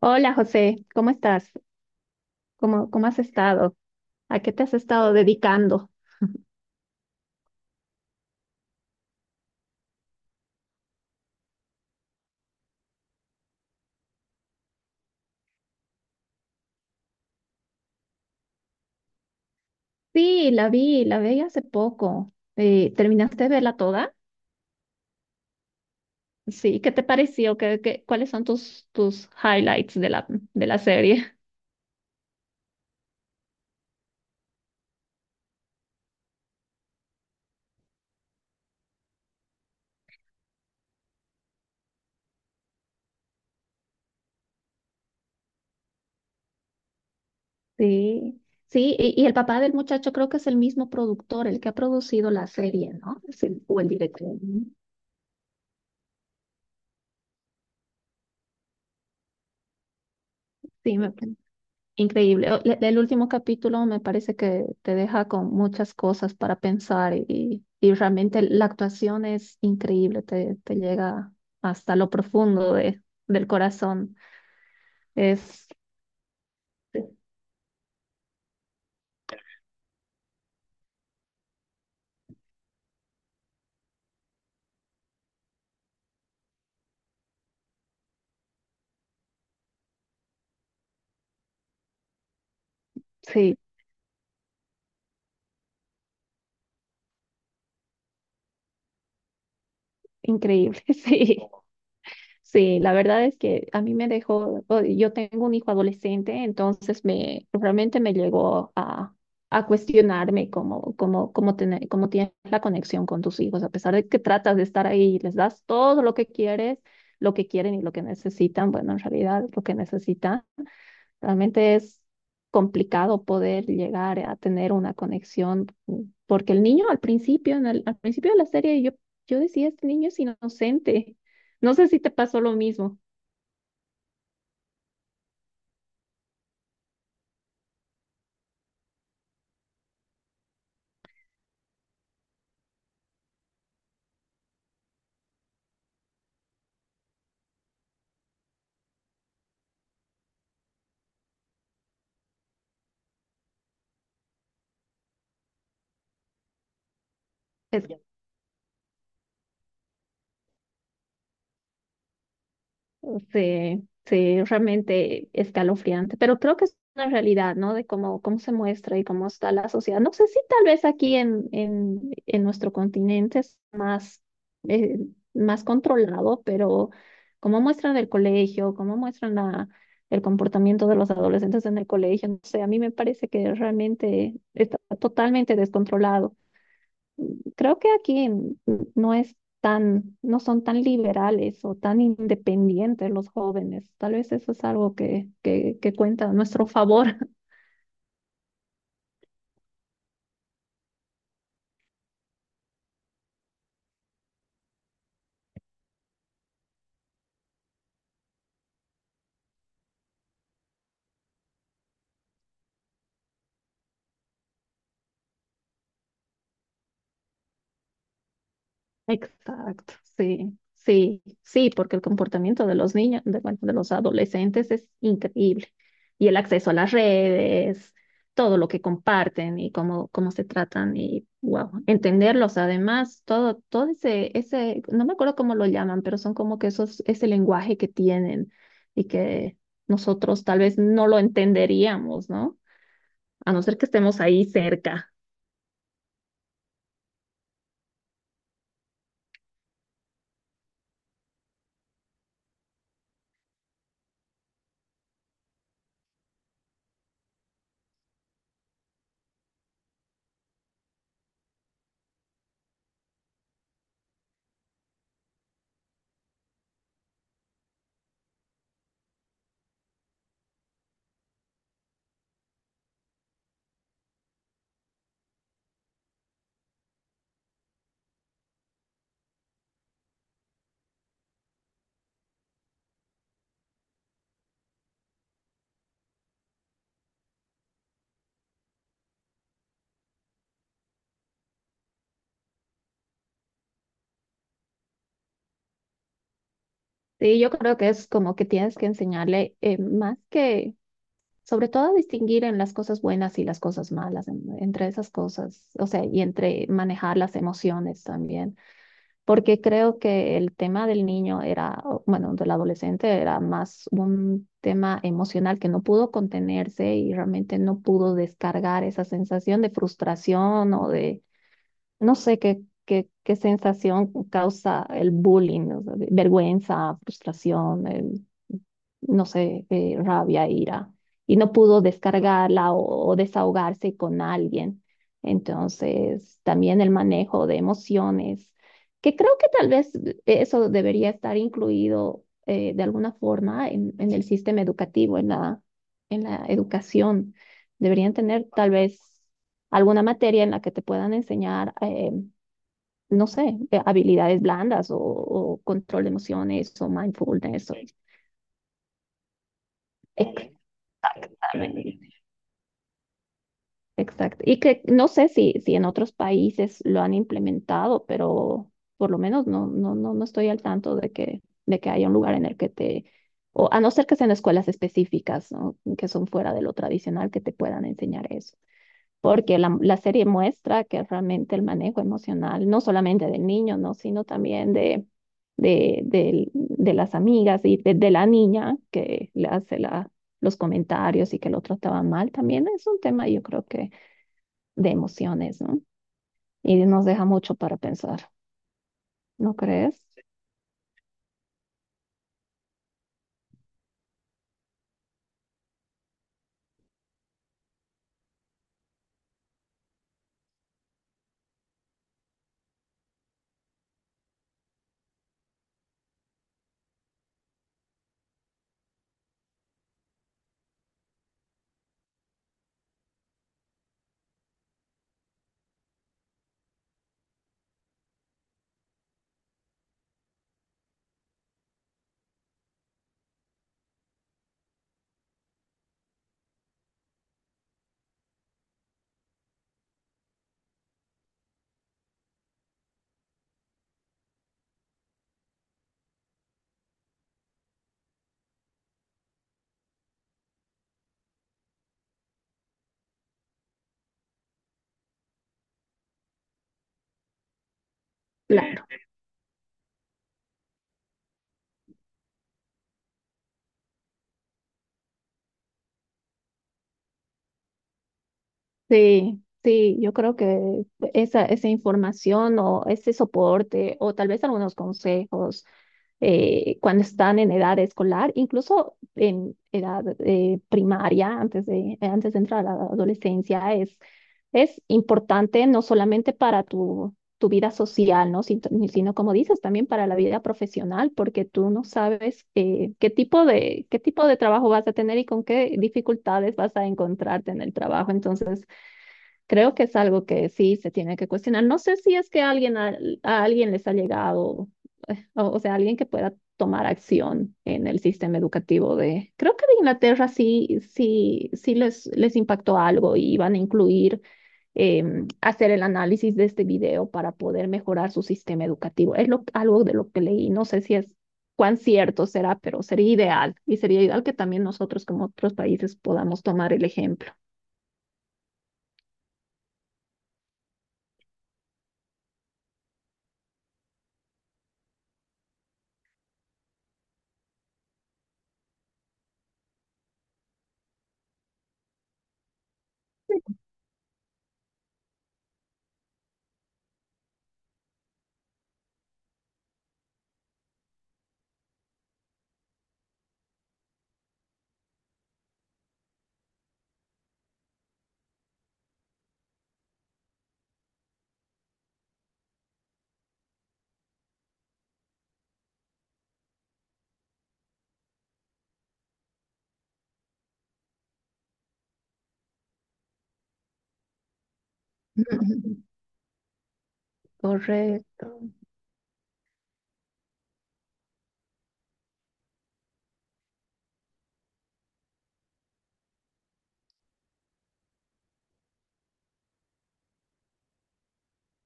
Hola José, ¿cómo estás? ¿Cómo has estado? ¿A qué te has estado dedicando? Sí, la vi hace poco. ¿Terminaste de verla toda? Sí, ¿qué te pareció? ¿Cuáles son tus highlights de la serie? Sí, sí, y el papá del muchacho creo que es el mismo productor, el que ha producido la serie, ¿no? O el director. Sí, me, Increíble. El último capítulo me parece que te deja con muchas cosas para pensar y realmente la actuación es increíble, te llega hasta lo profundo del corazón. Es, sí, increíble, sí. Sí, la verdad es que a mí me dejó, yo tengo un hijo adolescente, entonces me realmente me llegó a cuestionarme cómo tienes la conexión con tus hijos, a pesar de que tratas de estar ahí y les das todo lo que quieres, lo que quieren y lo que necesitan, bueno, en realidad lo que necesitan. Realmente es complicado poder llegar a tener una conexión, porque el niño al principio, al principio de la serie, yo decía, este niño es inocente. No sé si te pasó lo mismo. Es, Sí, sí, realmente escalofriante, pero creo que es una realidad, ¿no? De cómo, cómo se muestra y cómo está la sociedad. No sé si tal vez aquí en nuestro continente es más, eh, más controlado, pero cómo muestran el colegio, cómo muestran el comportamiento de los adolescentes en el colegio, no sé, a mí me parece que realmente está totalmente descontrolado. Creo que no es tan, no son tan liberales o tan independientes los jóvenes. Tal vez eso es algo que cuenta a nuestro favor. Exacto, sí, sí, sí, porque el comportamiento de los niños, de, bueno, de los adolescentes es increíble. Y el acceso a las redes, todo lo que comparten y cómo, cómo se tratan y, wow, entenderlos además, todo no me acuerdo cómo lo llaman, pero son como que ese lenguaje que tienen y que nosotros tal vez no lo entenderíamos, ¿no? A no ser que estemos ahí cerca. Sí, yo creo que es como que tienes que enseñarle, más que, sobre todo, a distinguir en las cosas buenas y las cosas malas, entre esas cosas, o sea, y entre manejar las emociones también, porque creo que el tema del niño era, o, bueno, del adolescente era más un tema emocional que no pudo contenerse y realmente no pudo descargar esa sensación de frustración o de no sé qué, qué sensación causa el bullying, o sea, vergüenza, frustración, no sé, rabia, ira, y no pudo descargarla o desahogarse con alguien. Entonces, también el manejo de emociones, que creo que tal vez eso debería estar incluido, de alguna forma en el sistema educativo, en en la educación. Deberían tener tal vez alguna materia en la que te puedan enseñar, no sé, habilidades blandas o control de emociones o mindfulness. Exactamente, exacto. Y que no sé si, si en otros países lo han implementado, pero por lo menos no estoy al tanto de de que haya un lugar en el que te, o a no ser que sean escuelas específicas, ¿no?, que son fuera de lo tradicional, que te puedan enseñar eso. Porque la serie muestra que realmente el manejo emocional, no solamente del niño, ¿no?, sino también de las amigas y de la niña que le hace los comentarios y que lo trataba mal, también es un tema, yo creo que, de emociones, ¿no? Y nos deja mucho para pensar, ¿no crees? Claro. Sí, sí, yo creo que esa información o ese soporte o tal vez algunos consejos, cuando están en edad escolar, incluso en edad, primaria, antes de entrar a la adolescencia, es importante no solamente para tu vida social, ¿no? Sino, como dices, también para la vida profesional, porque tú no sabes, qué tipo de trabajo vas a tener y con qué dificultades vas a encontrarte en el trabajo. Entonces, creo que es algo que sí se tiene que cuestionar. No sé si es que a alguien les ha llegado, o sea, alguien que pueda tomar acción en el sistema educativo de, creo que de Inglaterra, sí, sí, sí les impactó algo y van a incluir, hacer el análisis de este video para poder mejorar su sistema educativo. Algo de lo que leí. No sé si es cuán cierto será, pero sería ideal y sería ideal que también nosotros como otros países podamos tomar el ejemplo. Correcto,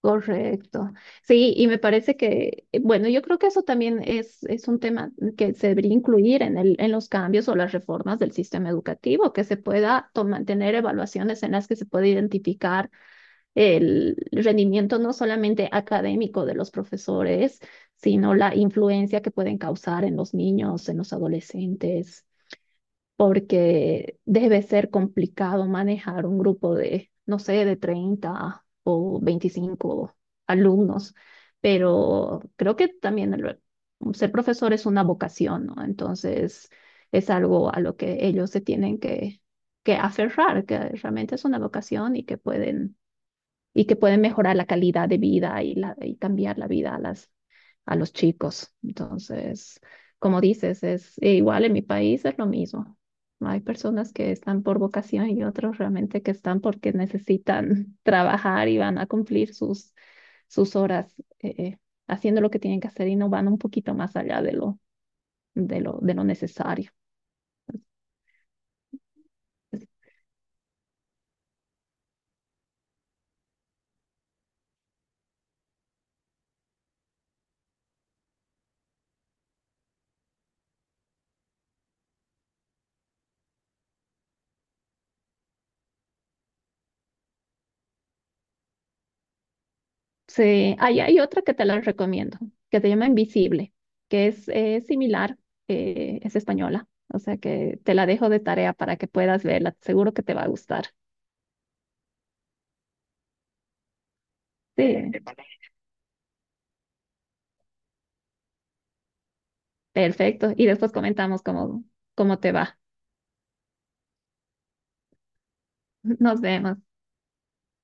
correcto. Sí, y me parece que, bueno, yo creo que eso también es un tema que se debería incluir en en los cambios o las reformas del sistema educativo, que se pueda tener evaluaciones en las que se pueda identificar el rendimiento no solamente académico de los profesores, sino la influencia que pueden causar en los niños, en los adolescentes. Porque debe ser complicado manejar un grupo de, no sé, de 30 o 25 alumnos, pero creo que también ser profesor es una vocación, ¿no? Entonces es algo a lo que ellos se tienen que aferrar, que realmente es una vocación y que pueden mejorar la calidad de vida y, y cambiar la vida a los chicos. Entonces, como dices, es e igual en mi país es lo mismo. Hay personas que están por vocación y otros realmente que están porque necesitan trabajar y van a cumplir sus, sus horas, eh, eh, haciendo lo que tienen que hacer y no van un poquito más allá de lo necesario. Sí, ahí hay otra que te la recomiendo, que se llama Invisible, que es, similar, es española, o sea que te la dejo de tarea para que puedas verla, seguro que te va a gustar. Sí, perfecto. Y después comentamos cómo te va. Nos vemos.